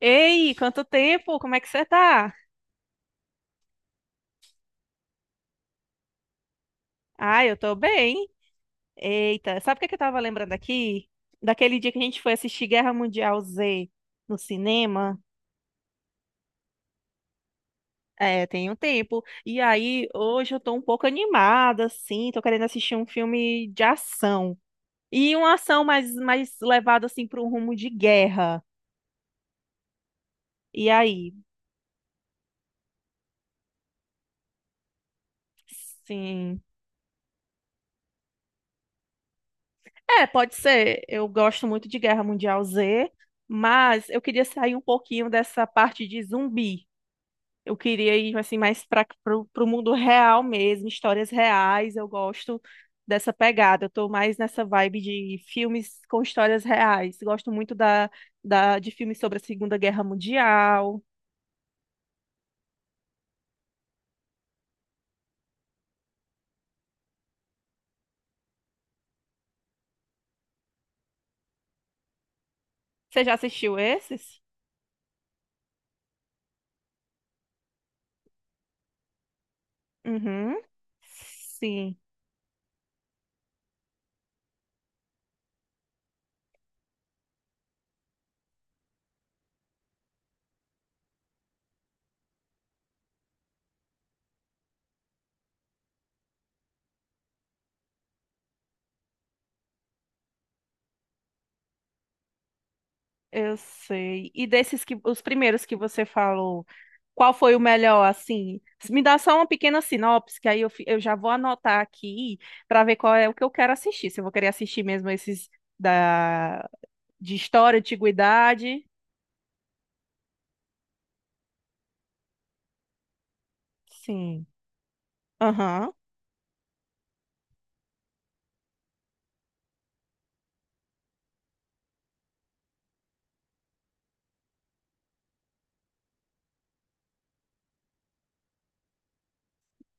Ei, quanto tempo? Como é que você tá? Ah, eu tô bem. Eita, sabe o que que eu tava lembrando aqui? Daquele dia que a gente foi assistir Guerra Mundial Z no cinema. É, tem um tempo. E aí, hoje eu tô um pouco animada, assim, tô querendo assistir um filme de ação. E uma ação mais levada, assim, para um rumo de guerra. E aí? Sim. É, pode ser. Eu gosto muito de Guerra Mundial Z, mas eu queria sair um pouquinho dessa parte de zumbi. Eu queria ir assim mais para o mundo real mesmo, histórias reais. Eu gosto dessa pegada. Eu tô mais nessa vibe de filmes com histórias reais. Gosto muito da de filmes sobre a Segunda Guerra Mundial. Você já assistiu esses? Uhum. Sim, eu sei. E desses que os primeiros que você falou, qual foi o melhor, assim? Me dá só uma pequena sinopse, que aí eu já vou anotar aqui para ver qual é o que eu quero assistir, se eu vou querer assistir mesmo esses da, de história, antiguidade. Sim. Aham.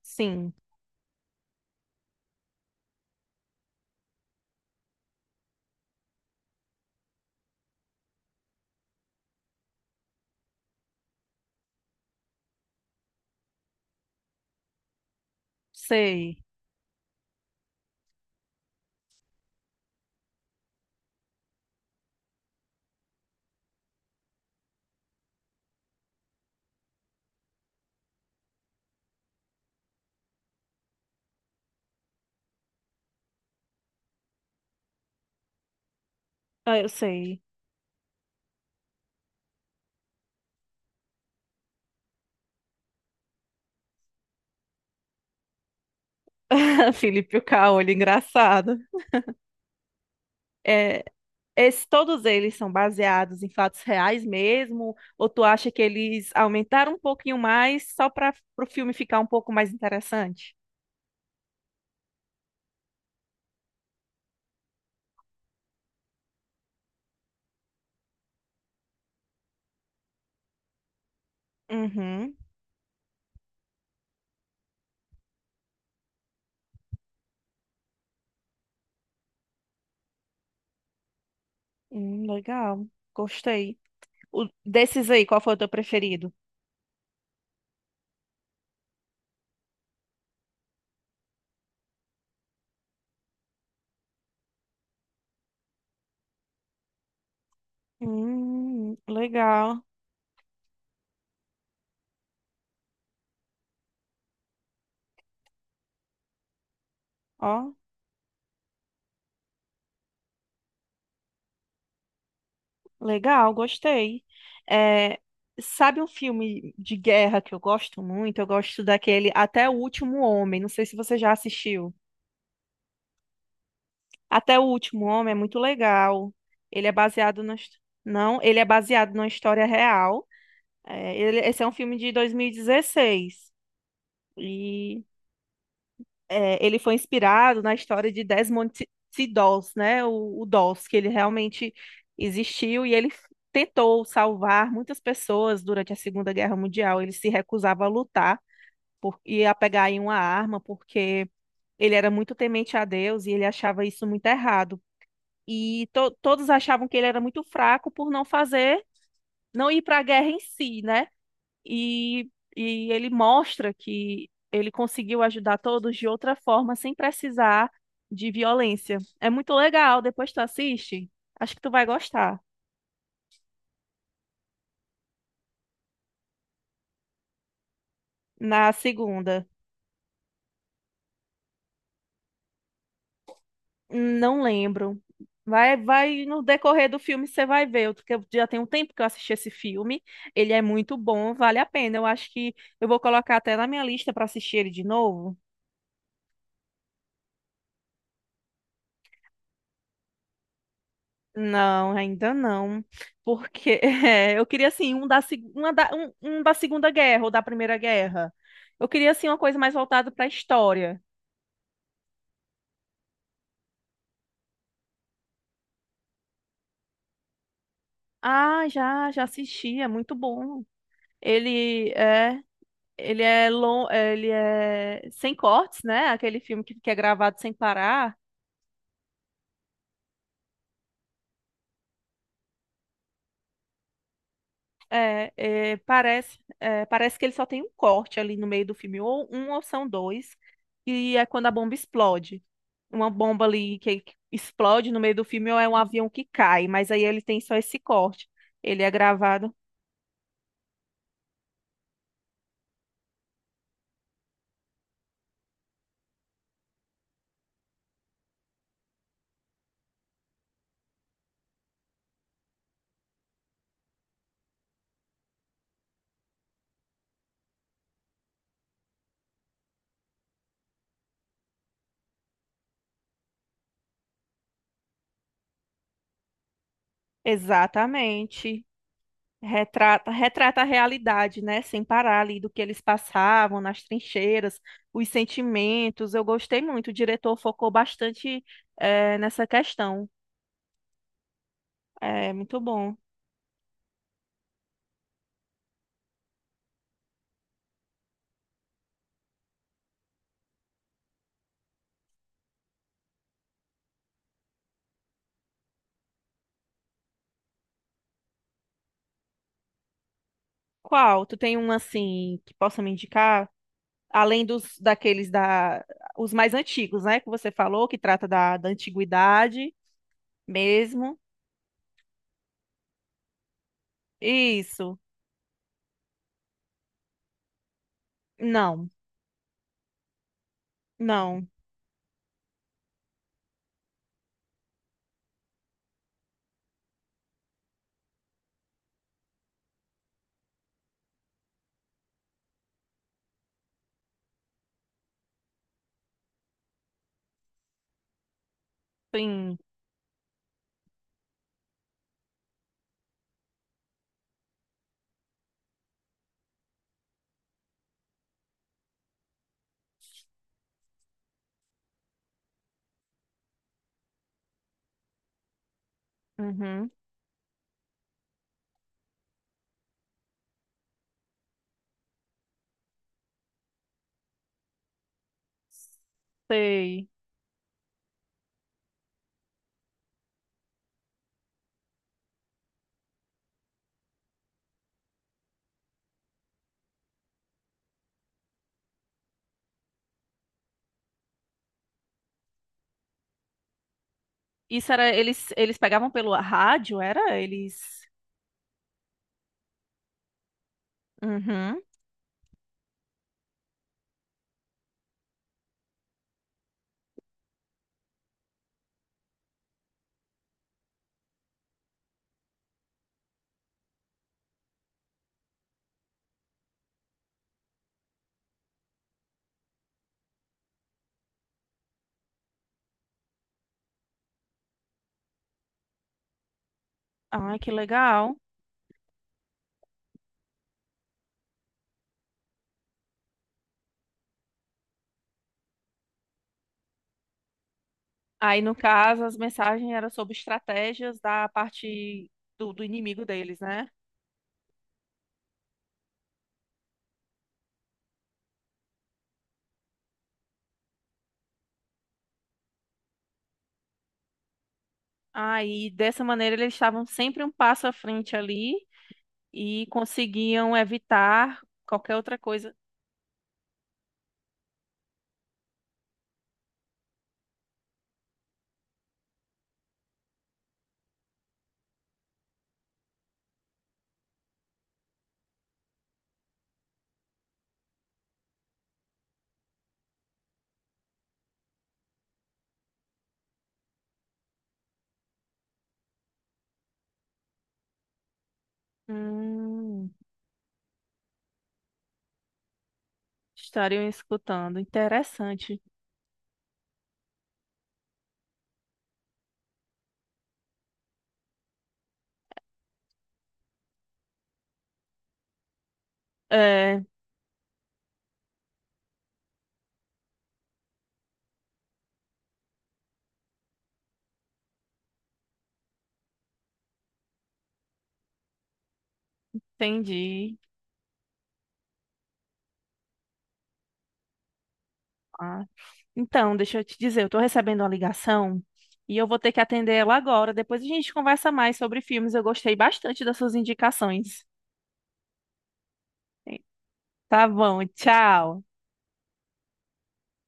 Sim. Sei. Ah, eu sei. Felipe Caolho, engraçado. É, esse, todos eles são baseados em fatos reais mesmo? Ou tu acha que eles aumentaram um pouquinho mais só para o filme ficar um pouco mais interessante? Uhum. Legal. Gostei. O- desses aí, qual foi o teu preferido? Legal. Ó, legal, gostei. É, sabe um filme de guerra que eu gosto muito? Eu gosto daquele Até o Último Homem. Não sei se você já assistiu. Até o Último Homem é muito legal. Ele é baseado na... his- Não, ele é baseado numa história real. É, ele- esse é um filme de 2016. Ele foi inspirado na história de Desmond T. Doss, né? O Doss, que ele realmente existiu e ele tentou salvar muitas pessoas durante a Segunda Guerra Mundial. Ele se recusava a lutar por, e a pegar em uma arma porque ele era muito temente a Deus e ele achava isso muito errado. E to- todos achavam que ele era muito fraco por não fazer, não ir para a guerra em si, né? e, e ele mostra que ele conseguiu ajudar todos de outra forma, sem precisar de violência. É muito legal, depois tu assiste. Acho que tu vai gostar. Na segunda, não lembro. Vai no decorrer do filme você vai ver, eu- porque eu já tem um tempo que eu assisti esse filme. Ele é muito bom, vale a pena. Eu acho que eu vou colocar até na minha lista para assistir ele de novo. Não, ainda não. Porque é, eu queria, assim, um da, seg- uma da- um da Segunda Guerra ou da Primeira Guerra. Eu queria, assim, uma coisa mais voltada para a história. Ah, já, já assisti, é muito bom. Ele é, ele é, lon- ele é sem cortes, né? Aquele filme que é gravado sem parar. Parece, é, parece que ele só tem um corte ali no meio do filme, ou um ou são dois, e é quando a bomba explode. Uma bomba ali que explode no meio do filme, ou é um avião que cai, mas aí ele tem só esse corte. Ele é gravado exatamente, retrata, retrata a realidade, né? Sem parar ali do que eles passavam nas trincheiras, os sentimentos. Eu gostei muito, o diretor focou bastante, é, nessa questão. É muito bom. Qual? Tu tem um assim que possa me indicar? Além dos daqueles da os mais antigos, né, que você falou, que trata da, da antiguidade mesmo. Isso. Não, não. Sim. Uhum. Sei. Isso era eles pegavam pelo rádio, era eles. Uhum. Ai, que legal. Aí, no caso, as mensagens eram sobre estratégias da parte do inimigo deles, né? Aí, dessa maneira, eles estavam sempre um passo à frente ali e conseguiam evitar qualquer outra coisa. Hum, estariam escutando. Interessante. É, entendi. Ah, então, deixa eu te dizer, eu estou recebendo uma ligação e eu vou ter que atender ela agora. Depois a gente conversa mais sobre filmes. Eu gostei bastante das suas indicações. Tá bom, tchau.